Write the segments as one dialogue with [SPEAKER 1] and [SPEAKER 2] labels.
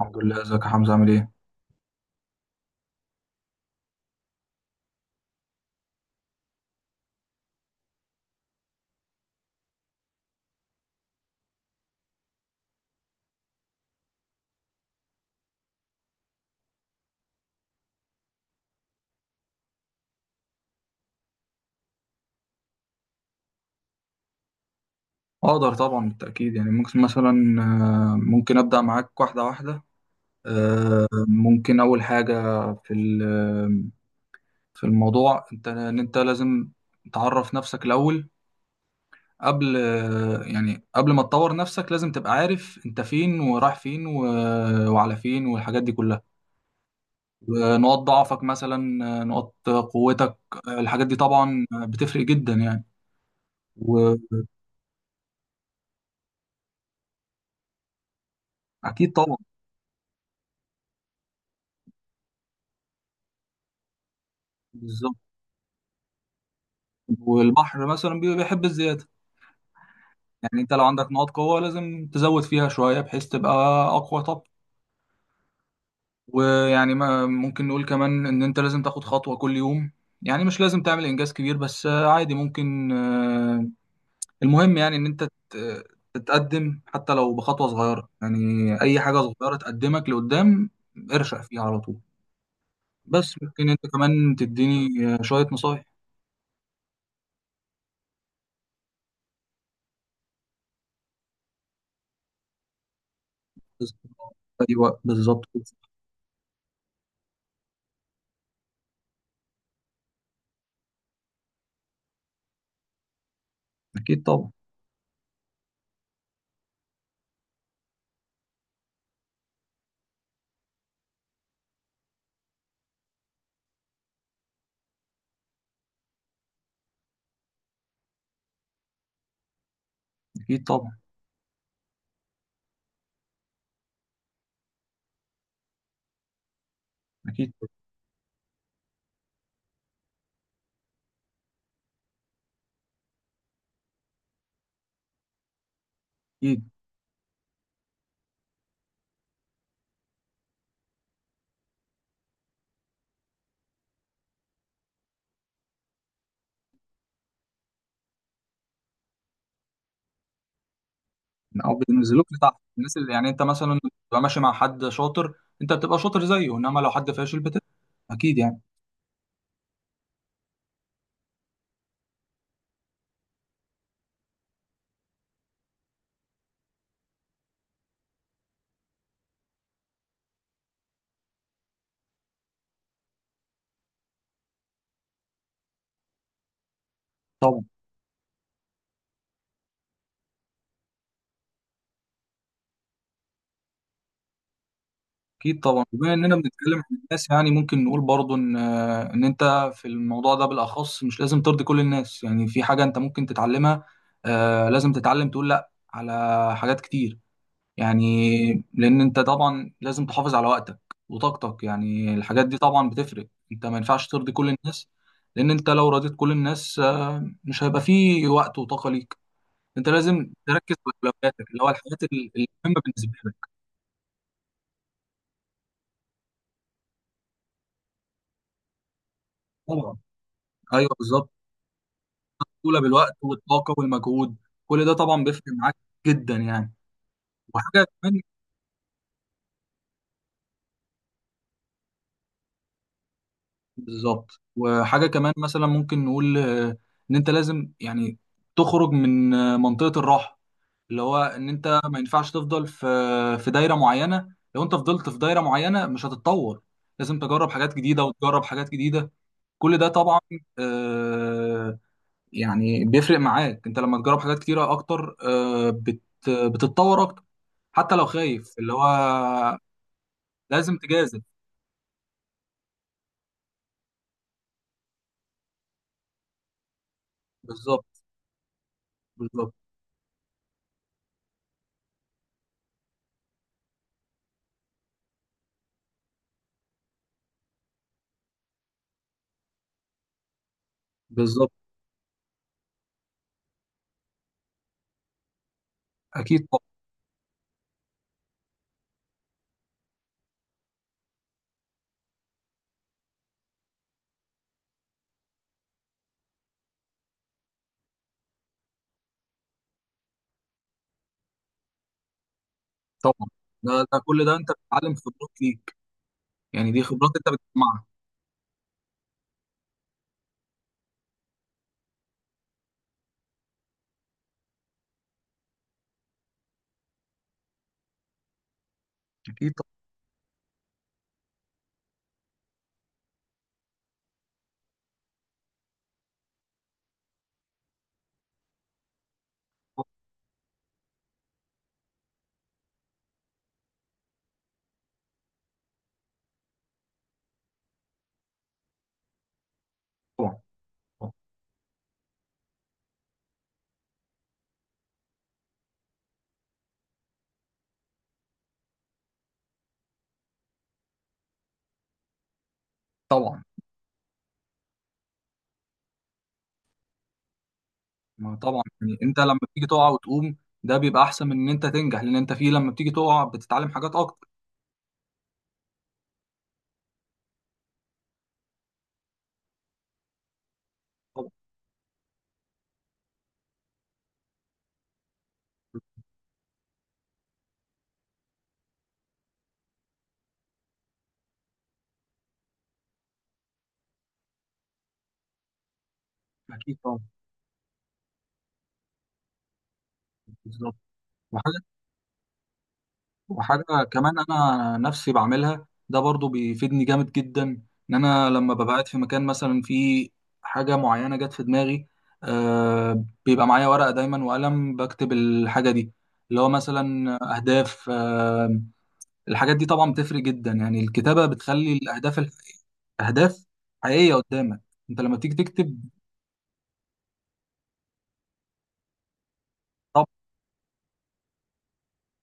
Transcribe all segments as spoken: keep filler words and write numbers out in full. [SPEAKER 1] الحمد لله، ازيك يا حمزة عامل ايه؟ اقدر طبعا، بالتأكيد. يعني ممكن مثلا آه، ممكن ابدأ معاك واحدة واحدة. آه، ممكن اول حاجة في ال- آه، في الموضوع، انت ان انت لازم تعرف نفسك الاول. قبل آه، يعني قبل ما تطور نفسك لازم تبقى عارف انت فين ورايح فين و- آه، وعلى فين والحاجات دي كلها. نقاط ضعفك مثلا، آه، نقاط قوتك. آه، الحاجات دي طبعا بتفرق جدا يعني، واكيد. طبعا. بالظبط. والبحر مثلا بي- بيحب الزيادة. يعني انت لو عندك نقاط قوة لازم تزود فيها شوية بحيث تبقى أقوى. طب ويعني، ما ممكن نقول كمان إن انت لازم تاخد خطوة كل يوم. يعني مش لازم تعمل إنجاز كبير، بس عادي ممكن آه، المهم يعني إن انت تت- تتقدم حتى لو بخطوة صغيرة يعني. أي حاجة صغيرة تقدمك لقدام ارشق فيها على طول. بس ممكن انت كمان تديني آه، شوية نصايح. أيوة بالظبط. أكيد طبعا. أكيد طبعا. أكيد. أكيد. او بينزلوك لتحت، الناس اللي يعني انت مثلا بتبقى ماشي مع حد شاطر انت بتبقى شاطر زيه، انما لو حد فاشل بتبقى. اكيد يعني. طبعا اكيد. طبعا. بما اننا بنتكلم عن الناس، يعني ممكن نقول برضو ان ان انت في الموضوع ده بالاخص مش لازم ترضي كل الناس. يعني في حاجه انت ممكن تتعلمها. آه لازم تتعلم تقول لا على حاجات كتير يعني. لان انت طبعا لازم تحافظ على وقتك وطاقتك. يعني الحاجات دي طبعا بتفرق، انت ما ينفعش ترضي كل الناس. لان انت لو رضيت كل الناس آه، مش هيبقى فيه وقت وطاقة ليك. انت لازم تركز في اولوياتك، اللي هو الحاجات ال- المهمة بالنسبة لك. طبعا. ايوه بالظبط. اولى بالوقت والطاقة والمجهود. كل ده طبعا بيفرق معاك جدا يعني. وحاجة كمان، بالظبط. وحاجة كمان مثلا ممكن نقول آه، ان انت لازم يعني تخرج من آه، منطقة الراحة، اللي هو ان انت ما ينفعش تفضل في في دايره معينه. لو انت فضلت في دايره معينه مش هتتطور. لازم تجرب حاجات جديده، وتجرب حاجات جديده. كل ده طبعا آه، يعني بيفرق معاك. انت لما تجرب حاجات كتيره اكتر آه، بت بتتطور اكتر، حتى لو خايف اللي هو لازم تجازف. بالظبط. بالظبط. بالظبط. اكيد طبعا. طبعا. ده, ده كل ده انت بتتعلم خبرات ليك. يعني دي خبرات انت بتجمعها. اكيد. طبعا. طبعا. طبعا. ما طبعا، يعني انت لما بتيجي تقع وتقوم ده بيبقى احسن من ان انت تنجح. لان انت فيه لما بتيجي تقع بتتعلم حاجات اكتر. طبعا. اكيد. طبعا. بالظبط. وحاجه. وحاجه كمان انا نفسي بعملها ده برضو بيفيدني جامد جدا. ان انا لما ببقى قاعد في مكان مثلا فيه حاجه معينه جت في دماغي، آه بيبقى معايا ورقه دايما وقلم بكتب الحاجه دي، اللي هو مثلا اهداف. آه الحاجات دي طبعا بتفرق جدا يعني. الكتابه بتخلي الاهداف اهداف حقيقيه قدامك انت لما تيجي تكتب. طب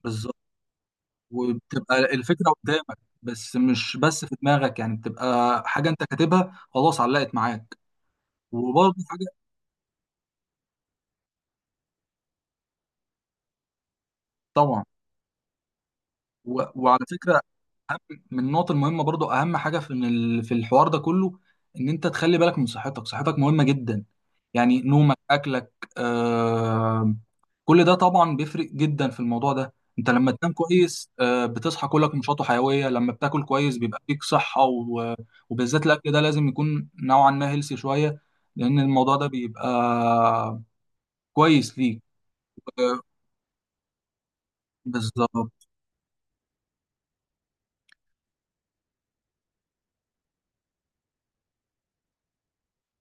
[SPEAKER 1] بالظبط. وبتبقى الفكره قدامك، بس مش بس في دماغك. يعني بتبقى حاجه انت كاتبها خلاص علقت معاك. وبرضه حاجه، طبعا. و... وعلى فكره، من النقط المهمه برضه اهم حاجه في إن ال... في الحوار ده كله، ان انت تخلي بالك من صحتك. صحتك مهمه جدا. يعني نومك، اكلك، كل ده طبعا بيفرق جدا في الموضوع ده. انت لما تنام كويس آه، بتصحى كلك نشاط وحيويه. لما بتاكل كويس بيبقى فيك صحه و... وبالذات الاكل ده لازم يكون نوعا ما هيلسي شويه، لان الموضوع ده بيبقى كويس ليك. آه، بالظبط.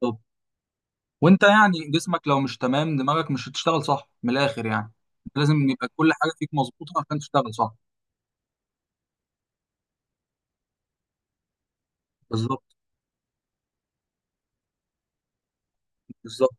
[SPEAKER 1] بالظبط. وانت يعني جسمك لو مش تمام دماغك مش هتشتغل صح من الاخر يعني. لازم يبقى كل حاجه فيك مظبوطه عشان تشتغل صح. بالظبط. بالظبط.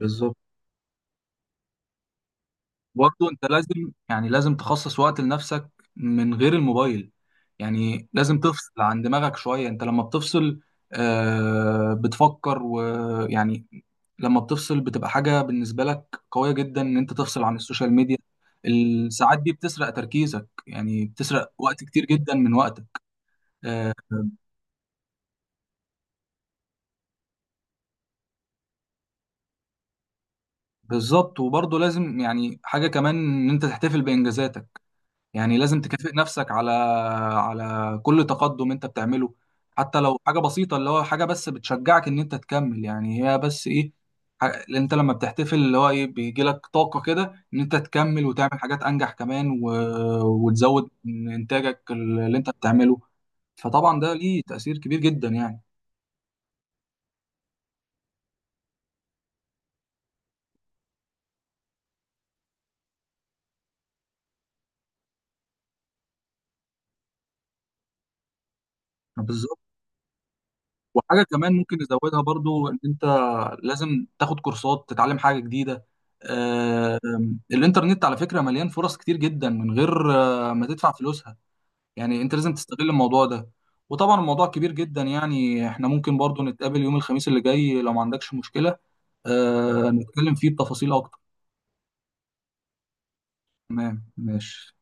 [SPEAKER 1] بالظبط. برضه انت لازم يعني، لازم تخصص وقت لنفسك من غير الموبايل. يعني لازم تفصل عن دماغك شوية. انت لما بتفصل آه بتفكر ويعني. لما بتفصل بتبقى حاجة بالنسبة لك قوية جدا ان انت تفصل عن السوشيال ميديا. الساعات دي بتسرق تركيزك، يعني بتسرق وقت كتير جدا من وقتك. آه بالظبط. وبرضه لازم يعني حاجة كمان، ان انت تحتفل بإنجازاتك. يعني لازم تكافئ نفسك على على كل تقدم انت بتعمله، حتى لو حاجة بسيطة، اللي هو حاجة بس بتشجعك ان انت تكمل يعني. هي بس ايه، ح- اللي انت لما بتحتفل اللي هو ايه بيجي لك طاقة كده ان انت تكمل وتعمل حاجات انجح كمان و... وتزود من انتاجك اللي انت بتعمله. فطبعا ده ليه تأثير كبير جدا يعني. بالظبط. وحاجة كمان ممكن نزودها برضو، ان انت لازم تاخد كورسات تتعلم حاجة جديدة. آه، الانترنت على فكرة مليان فرص كتير جدا من غير آه، ما تدفع فلوسها. يعني انت لازم تستغل الموضوع ده. وطبعا الموضوع كبير جدا يعني، احنا ممكن برضو نتقابل يوم الخميس اللي جاي لو ما عندكش مشكلة. آه، نتكلم فيه بتفاصيل اكتر. تمام ماشي.